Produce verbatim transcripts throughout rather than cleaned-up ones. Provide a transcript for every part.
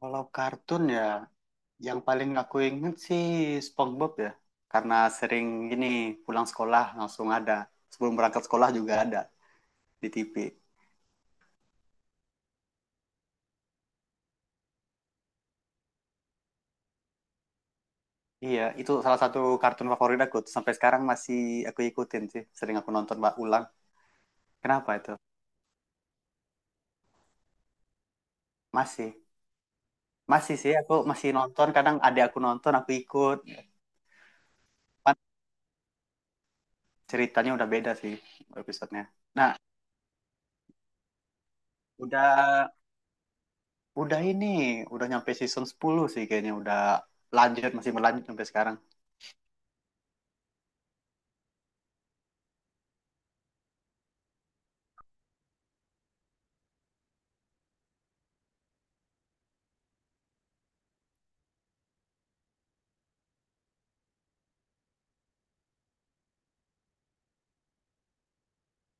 Kalau kartun ya, yang paling aku inget sih SpongeBob ya. Karena sering gini pulang sekolah langsung ada. Sebelum berangkat sekolah juga ada di T V. Iya, itu salah satu kartun favorit aku. Sampai sekarang masih aku ikutin sih. Sering aku nonton mbak ulang. Kenapa itu? Masih. Masih sih, aku masih nonton. Kadang adik aku nonton, aku ikut. Cuman ceritanya udah beda sih episodenya. Nah, udah udah ini. Udah nyampe season sepuluh sih kayaknya. Udah lanjut, masih melanjut sampai sekarang.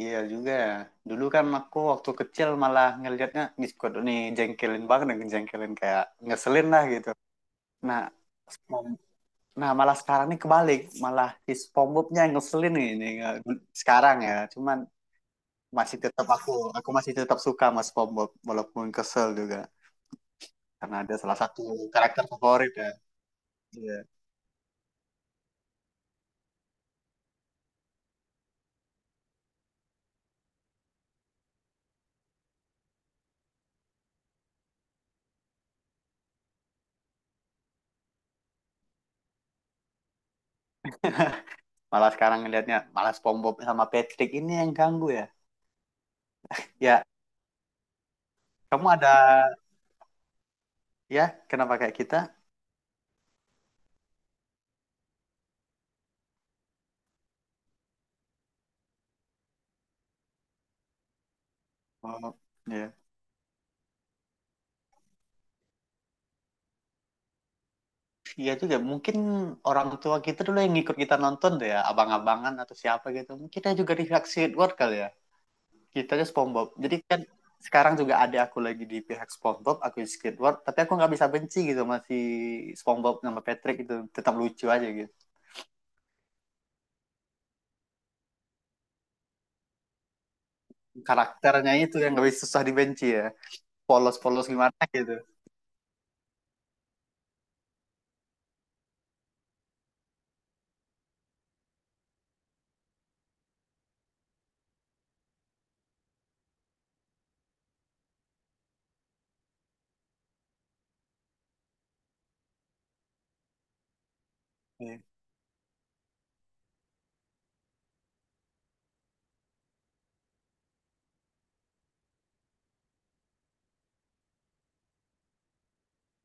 Iya juga ya. Dulu kan aku waktu kecil malah ngelihatnya Discord ini jengkelin banget dengan jengkelin kayak ngeselin lah gitu. Nah, spom- nah malah sekarang nih kebalik, malah si SpongeBobnya yang ngeselin nih, nih nge- sekarang ya. Cuman masih tetap aku aku masih tetap suka sama SpongeBob walaupun kesel juga karena ada salah satu karakter favorit ya. Iya. Malah sekarang ngelihatnya malah SpongeBob sama Patrick ini yang ganggu ya. Ya, kamu ada ya kenapa kayak kita? Oh, ya. Iya juga, mungkin orang tua kita dulu yang ngikut kita nonton tuh ya, abang-abangan atau siapa gitu. Mungkin kita juga di pihak Squidward kali ya. Kita aja SpongeBob. Jadi kan sekarang juga ada aku lagi di pihak SpongeBob, aku di Squidward, tapi aku nggak bisa benci gitu, masih SpongeBob sama Patrick itu tetap lucu aja gitu. Karakternya itu yang nggak bisa susah dibenci ya. Polos-polos gimana gitu. Iya.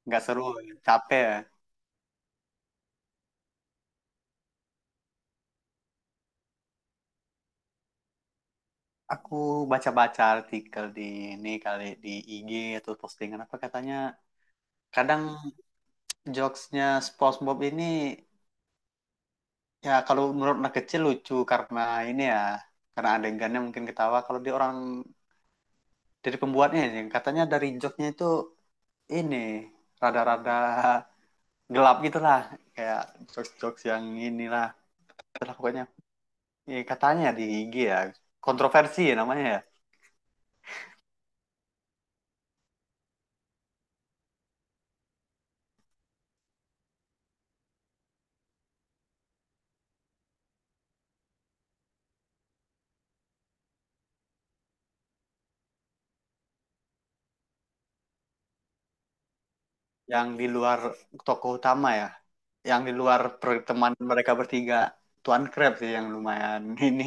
Nggak seru, capek ya. Aku baca-baca artikel di ini kali di I G atau postingan apa, katanya kadang jokesnya SpongeBob ini, ya kalau menurut anak kecil lucu karena ini ya, karena adegannya mungkin ketawa kalau di orang, dari pembuatnya ini katanya dari jokesnya itu ini rada-rada gelap gitulah, kayak jokes-jokes yang inilah itulah pokoknya. Ya, katanya di I G ya, kontroversi ya namanya ya. Yang di luar tokoh utama ya, yang di luar pertemanan mereka bertiga, Tuan Krabs sih yang lumayan ini,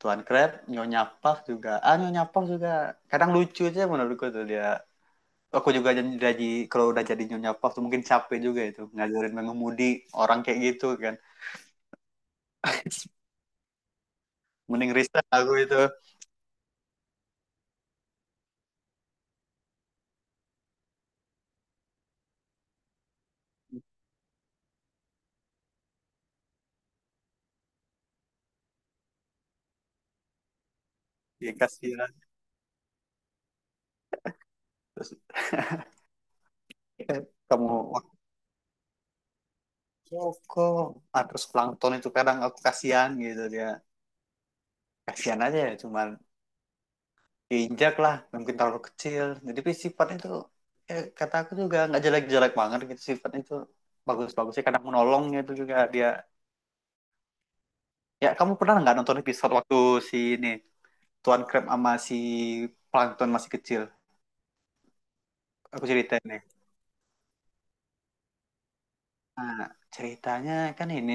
Tuan Kret, Nyonya Puff juga. Ah, Nyonya Puff juga. Kadang lucu aja menurutku tuh dia. Aku juga jadi, kalau udah jadi Nyonya Puff tuh mungkin capek juga itu. Ngajarin mengemudi orang kayak gitu kan. Mending resign aku itu. Ya kasihan. Terus eh, kamu waktu kok. Ah, terus Plankton itu kadang aku kasihan gitu dia. Kasihan aja ya, cuman diinjak lah. Mungkin terlalu kecil. Jadi sifatnya itu, eh, kata aku juga nggak jelek-jelek banget gitu sifatnya itu, bagus-bagusnya kadang menolong itu juga dia. Ya, kamu pernah nggak nonton episode waktu si ini Tuan Crab sama si Plankton masih kecil? Aku ceritain nih. Nah, ceritanya kan ini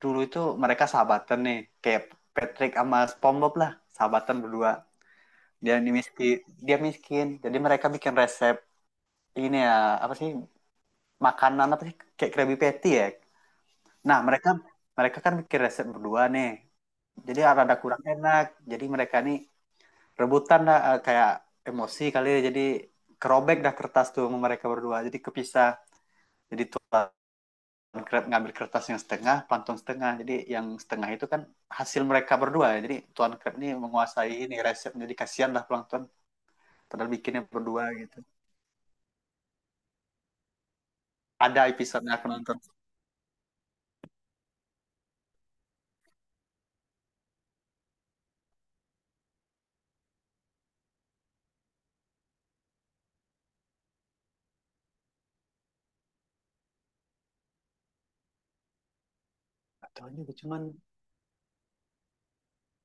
dulu itu mereka sahabatan nih, kayak Patrick sama SpongeBob lah, sahabatan berdua. Dia ini miskin, dia miskin, jadi mereka bikin resep ini ya, apa sih, makanan apa sih, kayak Krabby Patty ya. Nah, mereka mereka kan bikin resep berdua nih. Jadi rada kurang enak. Jadi mereka nih rebutan dah, eh, kayak emosi kali ya, jadi kerobek dah kertas tuh sama mereka berdua jadi kepisah, jadi Tuan Crab ngambil kertas yang setengah, Plankton setengah, jadi yang setengah itu kan hasil mereka berdua ya. Jadi Tuan Crab ini menguasai ini resep, jadi kasihan lah Plankton padahal bikinnya berdua gitu. Ada episode yang aku nonton. Tahu juga cuman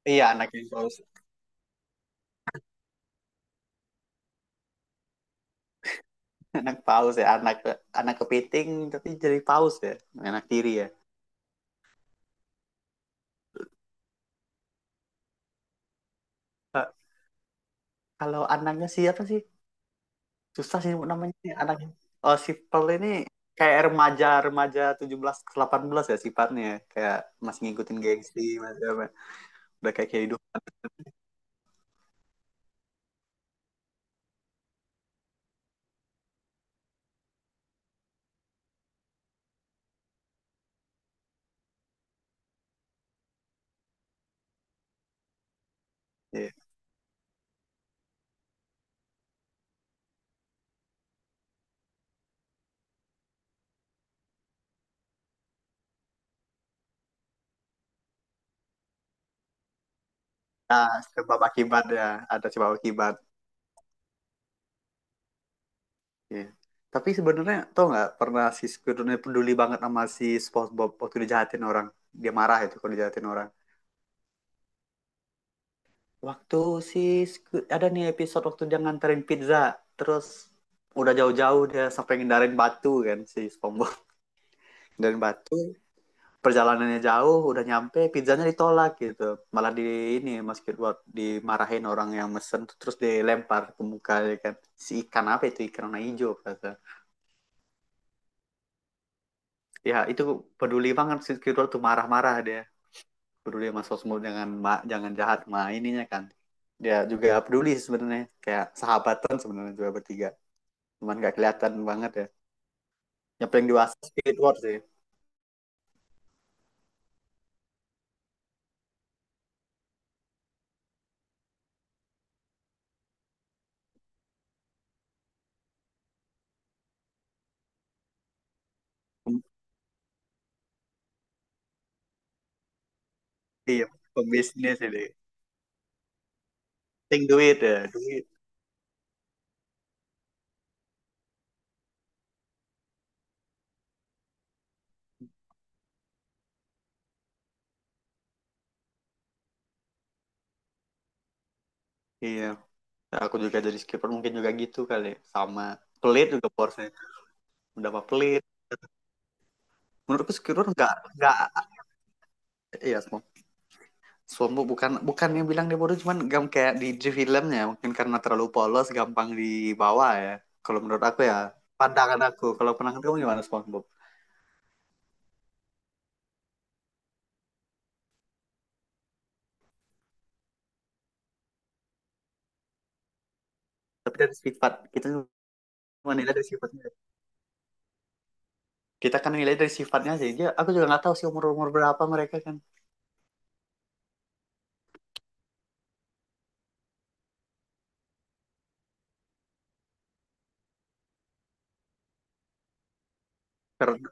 iya anak yang paus. Anak paus ya, anak anak kepiting tapi jadi paus ya, anak tiri ya. Eh, kalau anaknya siapa sih? Susah sih namanya nih anaknya. Oh, si ini kayak remaja-remaja tujuh belas ke delapan belas ya sifatnya. Kayak masih ngikutin gengsi, masih apa. Udah kayak hidup. Iya. Nah, sebab akibat ya. Ada sebab akibat. Iya. Tapi sebenarnya tau nggak, pernah si Squidward ini peduli banget sama si SpongeBob waktu dijahatin orang. Dia marah itu kalau dijahatin orang. Waktu si Squid- ada nih episode waktu dia nganterin pizza. Terus udah jauh-jauh dia sampai ngindarin batu kan si SpongeBob. Ngindarin batu perjalanannya jauh, udah nyampe pizzanya ditolak gitu, malah di ini Mas Kirwat dimarahin orang yang mesen, terus dilempar ke muka ya kan, si ikan apa itu, ikan warna hijau kata. Ya itu, peduli banget si Kirwat, tuh marah-marah dia, peduli sama sosmed, jangan ma- jangan jahat sama ininya kan. Dia juga peduli sebenarnya, kayak sahabatan sebenarnya juga bertiga, cuman gak kelihatan banget ya. Yang paling dewasa Squidward sih. Iya, pembisnis ini, ting duit ya, duit iya. Nah, aku juga jadi skipper mungkin juga gitu kali ya. Sama pelit juga porsinya. Udah apa pelit. Menurutku skipper nggak nggak iya semua. Suambu bukan bukan yang bilang dia bodoh, cuman gam kayak di, di filmnya mungkin karena terlalu polos, gampang dibawa ya. Kalau menurut aku ya, pandangan aku. Kalau pandangan kamu gimana SpongeBob? Tapi dari sifat kita, cuma nilai dari sifatnya. Kita kan nilai dari sifatnya sih. Dia, aku juga nggak tahu sih umur umur berapa mereka kan. Karena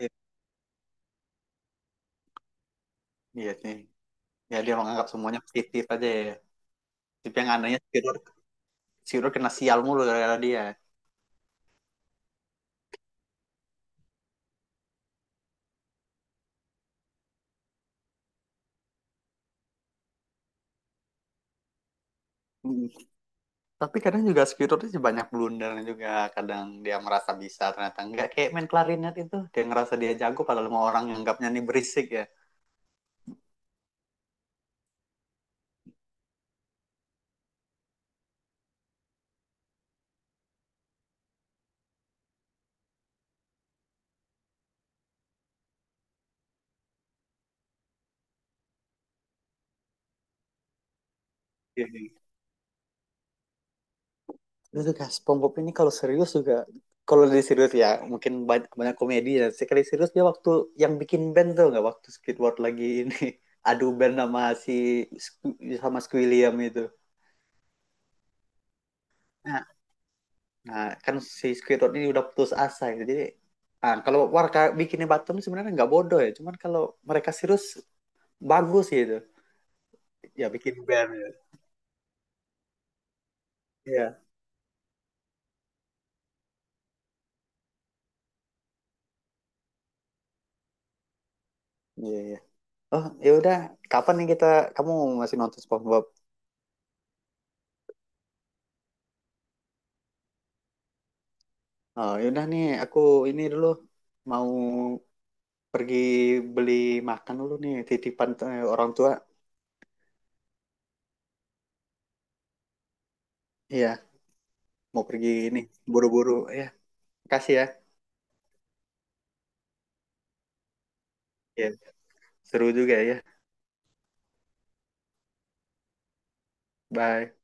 iya, iya sih. Ya dia menganggap semuanya positif aja ya. Tapi yang anehnya Squidward Squidward kena sial mulu gara-gara dia. Hmm. Tapi kadang juga Squidward itu banyak blunder juga. Kadang dia merasa bisa, ternyata enggak. Kayak main klarinet itu, dia ngerasa dia jago padahal semua orang nganggapnya nih berisik ya. Itu juga SpongeBob ini kalau serius juga, kalau di serius ya mungkin banyak, banyak komedi ya. Sekali serius dia waktu yang bikin band tuh, nggak, waktu Squidward lagi ini adu band sama si sama Squilliam itu. Nah, Nah, kan si Squidward ini udah putus asa gitu. Jadi, ah, kalau warga bikinnya Batum sebenarnya nggak bodoh ya. Cuman kalau mereka serius, bagus gitu. Ya bikin band ya. Iya. Iya, iya. Oh, ya udah. Kapan nih kita, kamu masih nonton SpongeBob? Oh, ya udah nih, aku ini dulu mau pergi beli makan dulu nih titipan, eh, orang tua. Iya, mau pergi ini, buru-buru ya. Kasih ya. Iya, seru juga ya. Bye.